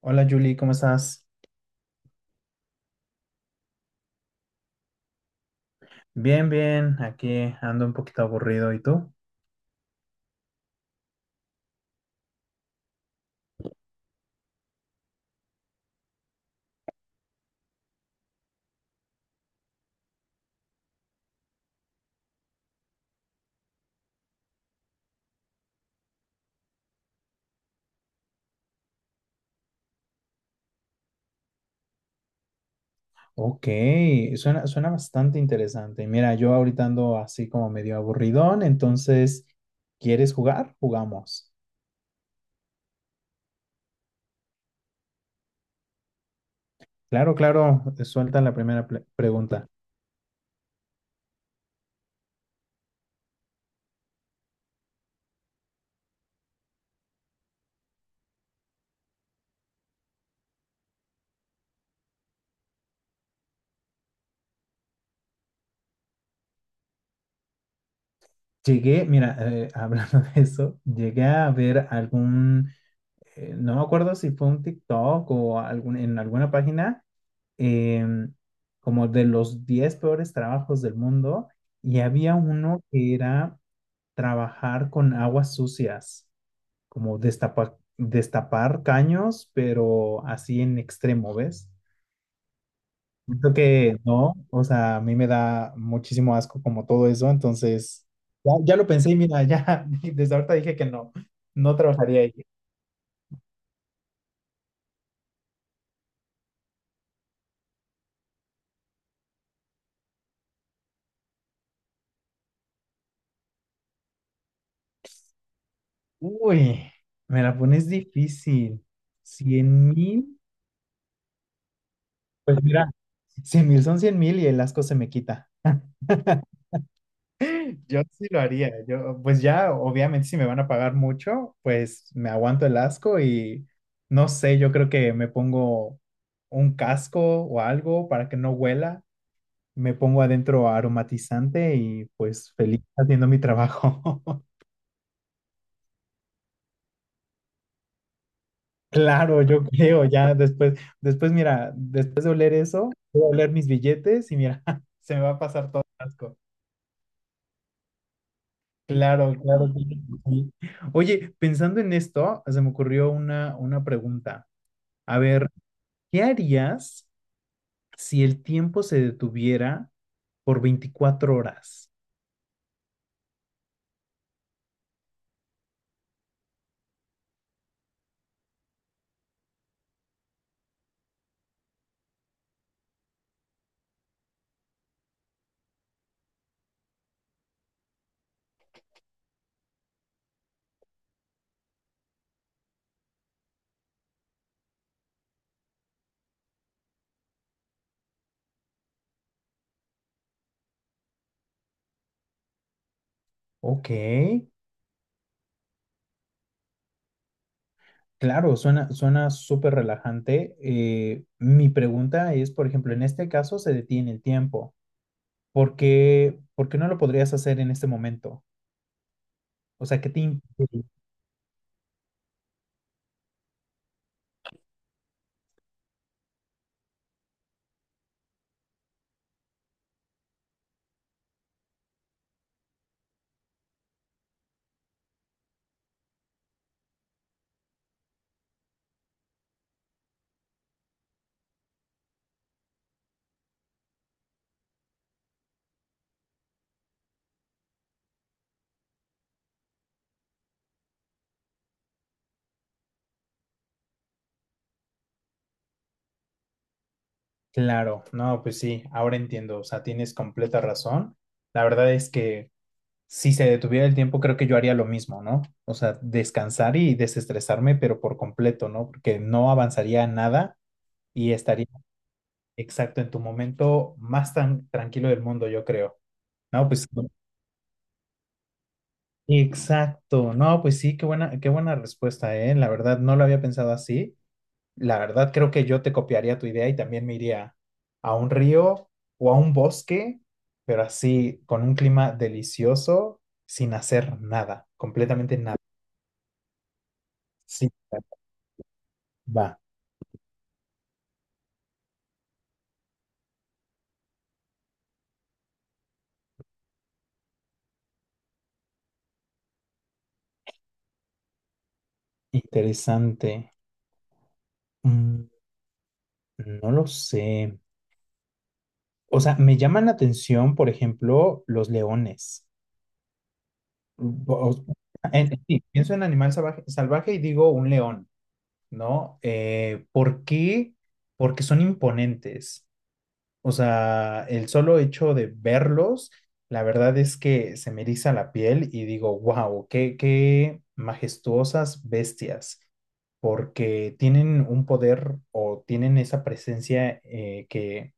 Hola Julie, ¿cómo estás? Bien, bien, aquí ando un poquito aburrido, ¿y tú? Ok, suena bastante interesante. Mira, yo ahorita ando así como medio aburridón, entonces, ¿quieres jugar? Jugamos. Claro, claro, suelta la primera pregunta. Llegué, mira, hablando de eso, llegué a ver algún, no me acuerdo si fue un TikTok o algún, en alguna página, em, como de los 10 peores trabajos del mundo, y había uno que era trabajar con aguas sucias, como destapar caños, pero así en extremo, ¿ves? Siento que no, o sea, a mí me da muchísimo asco como todo eso, entonces ya, ya lo pensé y mira, ya desde ahorita dije que no, no trabajaría ahí. Uy, me la pones difícil. 100.000. Pues mira, 100.000 son 100.000 y el asco se me quita. Yo sí lo haría. Yo, pues ya, obviamente, si me van a pagar mucho, pues me aguanto el asco y no sé, yo creo que me pongo un casco o algo para que no huela. Me pongo adentro aromatizante y pues feliz haciendo mi trabajo. Claro, yo creo, ya después, mira, después de oler eso, voy a oler mis billetes y mira, se me va a pasar todo el asco. Claro, claro, claro. Sí. Oye, pensando en esto, se me ocurrió una pregunta. A ver, ¿qué harías si el tiempo se detuviera por 24 horas? Ok, claro, suena súper relajante. Mi pregunta es, por ejemplo, en este caso se detiene el tiempo. ¿Por qué no lo podrías hacer en este momento? O sea, ¿qué te impide? Claro, no, pues sí, ahora entiendo. O sea, tienes completa razón. La verdad es que si se detuviera el tiempo, creo que yo haría lo mismo, ¿no? O sea, descansar y desestresarme, pero por completo, ¿no? Porque no avanzaría nada y estaría exacto en tu momento más tan tranquilo del mundo, yo creo. No, pues exacto. No, pues sí, qué buena respuesta, ¿eh? La verdad, no lo había pensado así. La verdad, creo que yo te copiaría tu idea y también me iría a un río o a un bosque, pero así, con un clima delicioso, sin hacer nada, completamente nada. Sí. Va, interesante. Mm, no lo sé. O sea, me llaman la atención, por ejemplo, los leones. O- sí, pienso en animal salvaje, salvaje y digo un león, ¿no? ¿Por qué? Porque son imponentes. O sea, el solo hecho de verlos, la verdad es que se me eriza la piel y digo, wow, qué majestuosas bestias, porque tienen un poder o tienen esa presencia,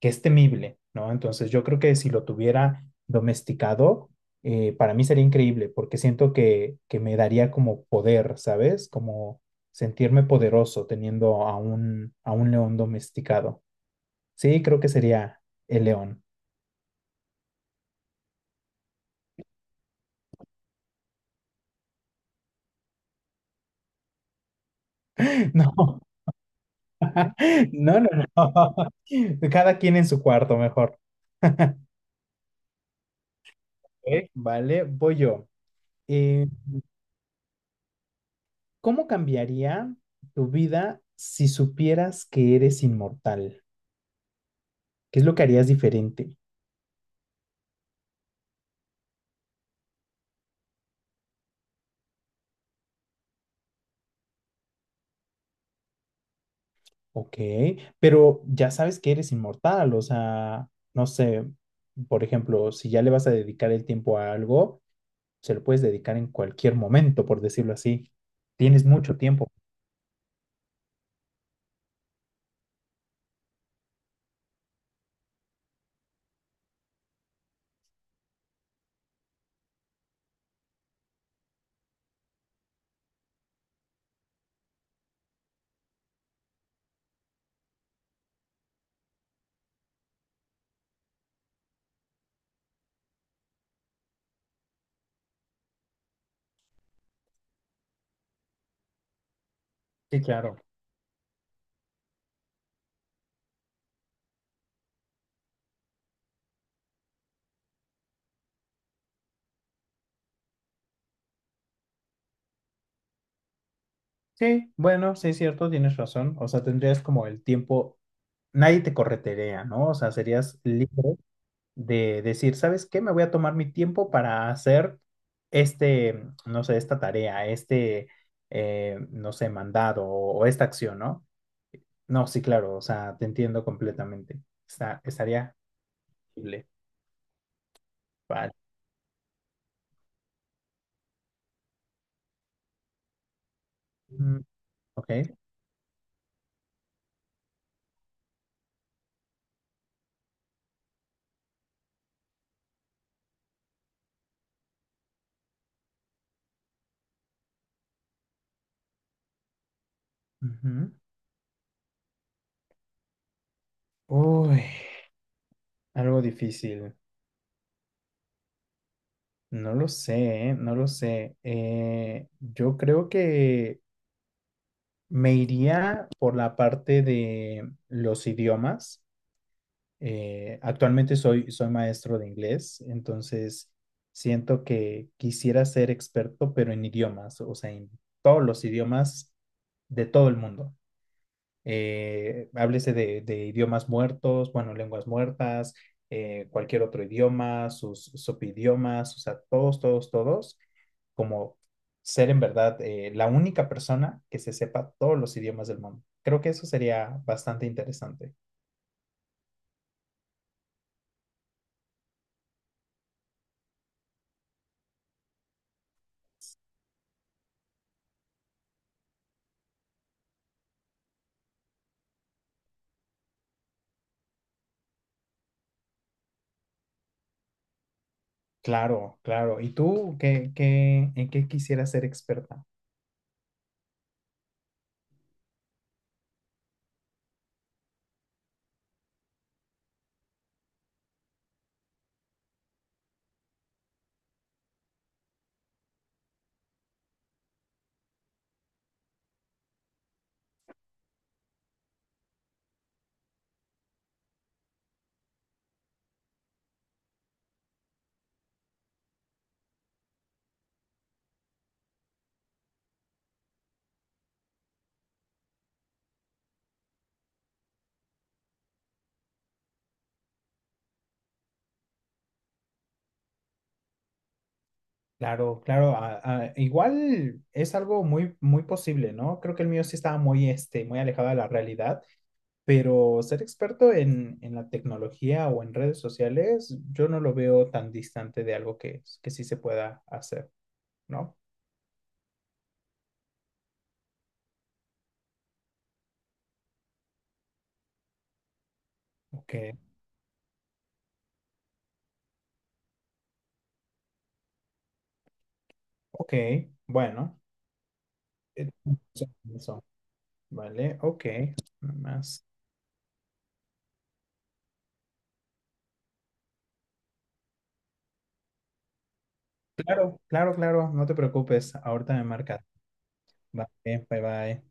que es temible, ¿no? Entonces yo creo que si lo tuviera domesticado, para mí sería increíble, porque siento que me daría como poder, ¿sabes? Como sentirme poderoso teniendo a un león domesticado. Sí, creo que sería el león. No, no, no, no. Cada quien en su cuarto, mejor. Ok, vale, voy yo. Eh, ¿Cómo cambiaría tu vida si supieras que eres inmortal? ¿Qué es lo que harías diferente? Ok, pero ya sabes que eres inmortal, o sea, no sé, por ejemplo, si ya le vas a dedicar el tiempo a algo, se lo puedes dedicar en cualquier momento, por decirlo así. Tienes mucho tiempo. Sí, claro. Sí, bueno, sí es cierto, tienes razón. O sea, tendrías como el tiempo, nadie te corretearía, ¿no? O sea, serías libre de decir, ¿sabes qué? Me voy a tomar mi tiempo para hacer este, no sé, esta tarea, este, no sé, mandado o esta acción, ¿no? No, sí, claro, o sea, te entiendo completamente. Estaría libre. Vale. Mm, ok. Ujú. Uy, algo difícil. No lo sé, ¿eh? No lo sé. Yo creo que me iría por la parte de los idiomas. Actualmente soy maestro de inglés, entonces siento que quisiera ser experto, pero en idiomas, o sea, en todos los idiomas de todo el mundo, háblese de idiomas muertos, bueno, lenguas muertas, cualquier otro idioma, sus subidiomas, o sea, todos, todos, todos, como ser en verdad, la única persona que se sepa todos los idiomas del mundo. Creo que eso sería bastante interesante. Claro, claro. ¿Y tú en qué quisieras ser experta? Claro, claro, igual es algo muy, muy posible, ¿no? Creo que el mío sí estaba muy, muy alejado de la realidad. Pero ser experto en la tecnología o en redes sociales, yo no lo veo tan distante de algo que sí se pueda hacer, ¿no? Ok, ok, bueno. eh, Eso, eso, vale, ok, nada más. Claro, claro, claro, no te preocupes, ahorita me marcas. Vale, bye bye.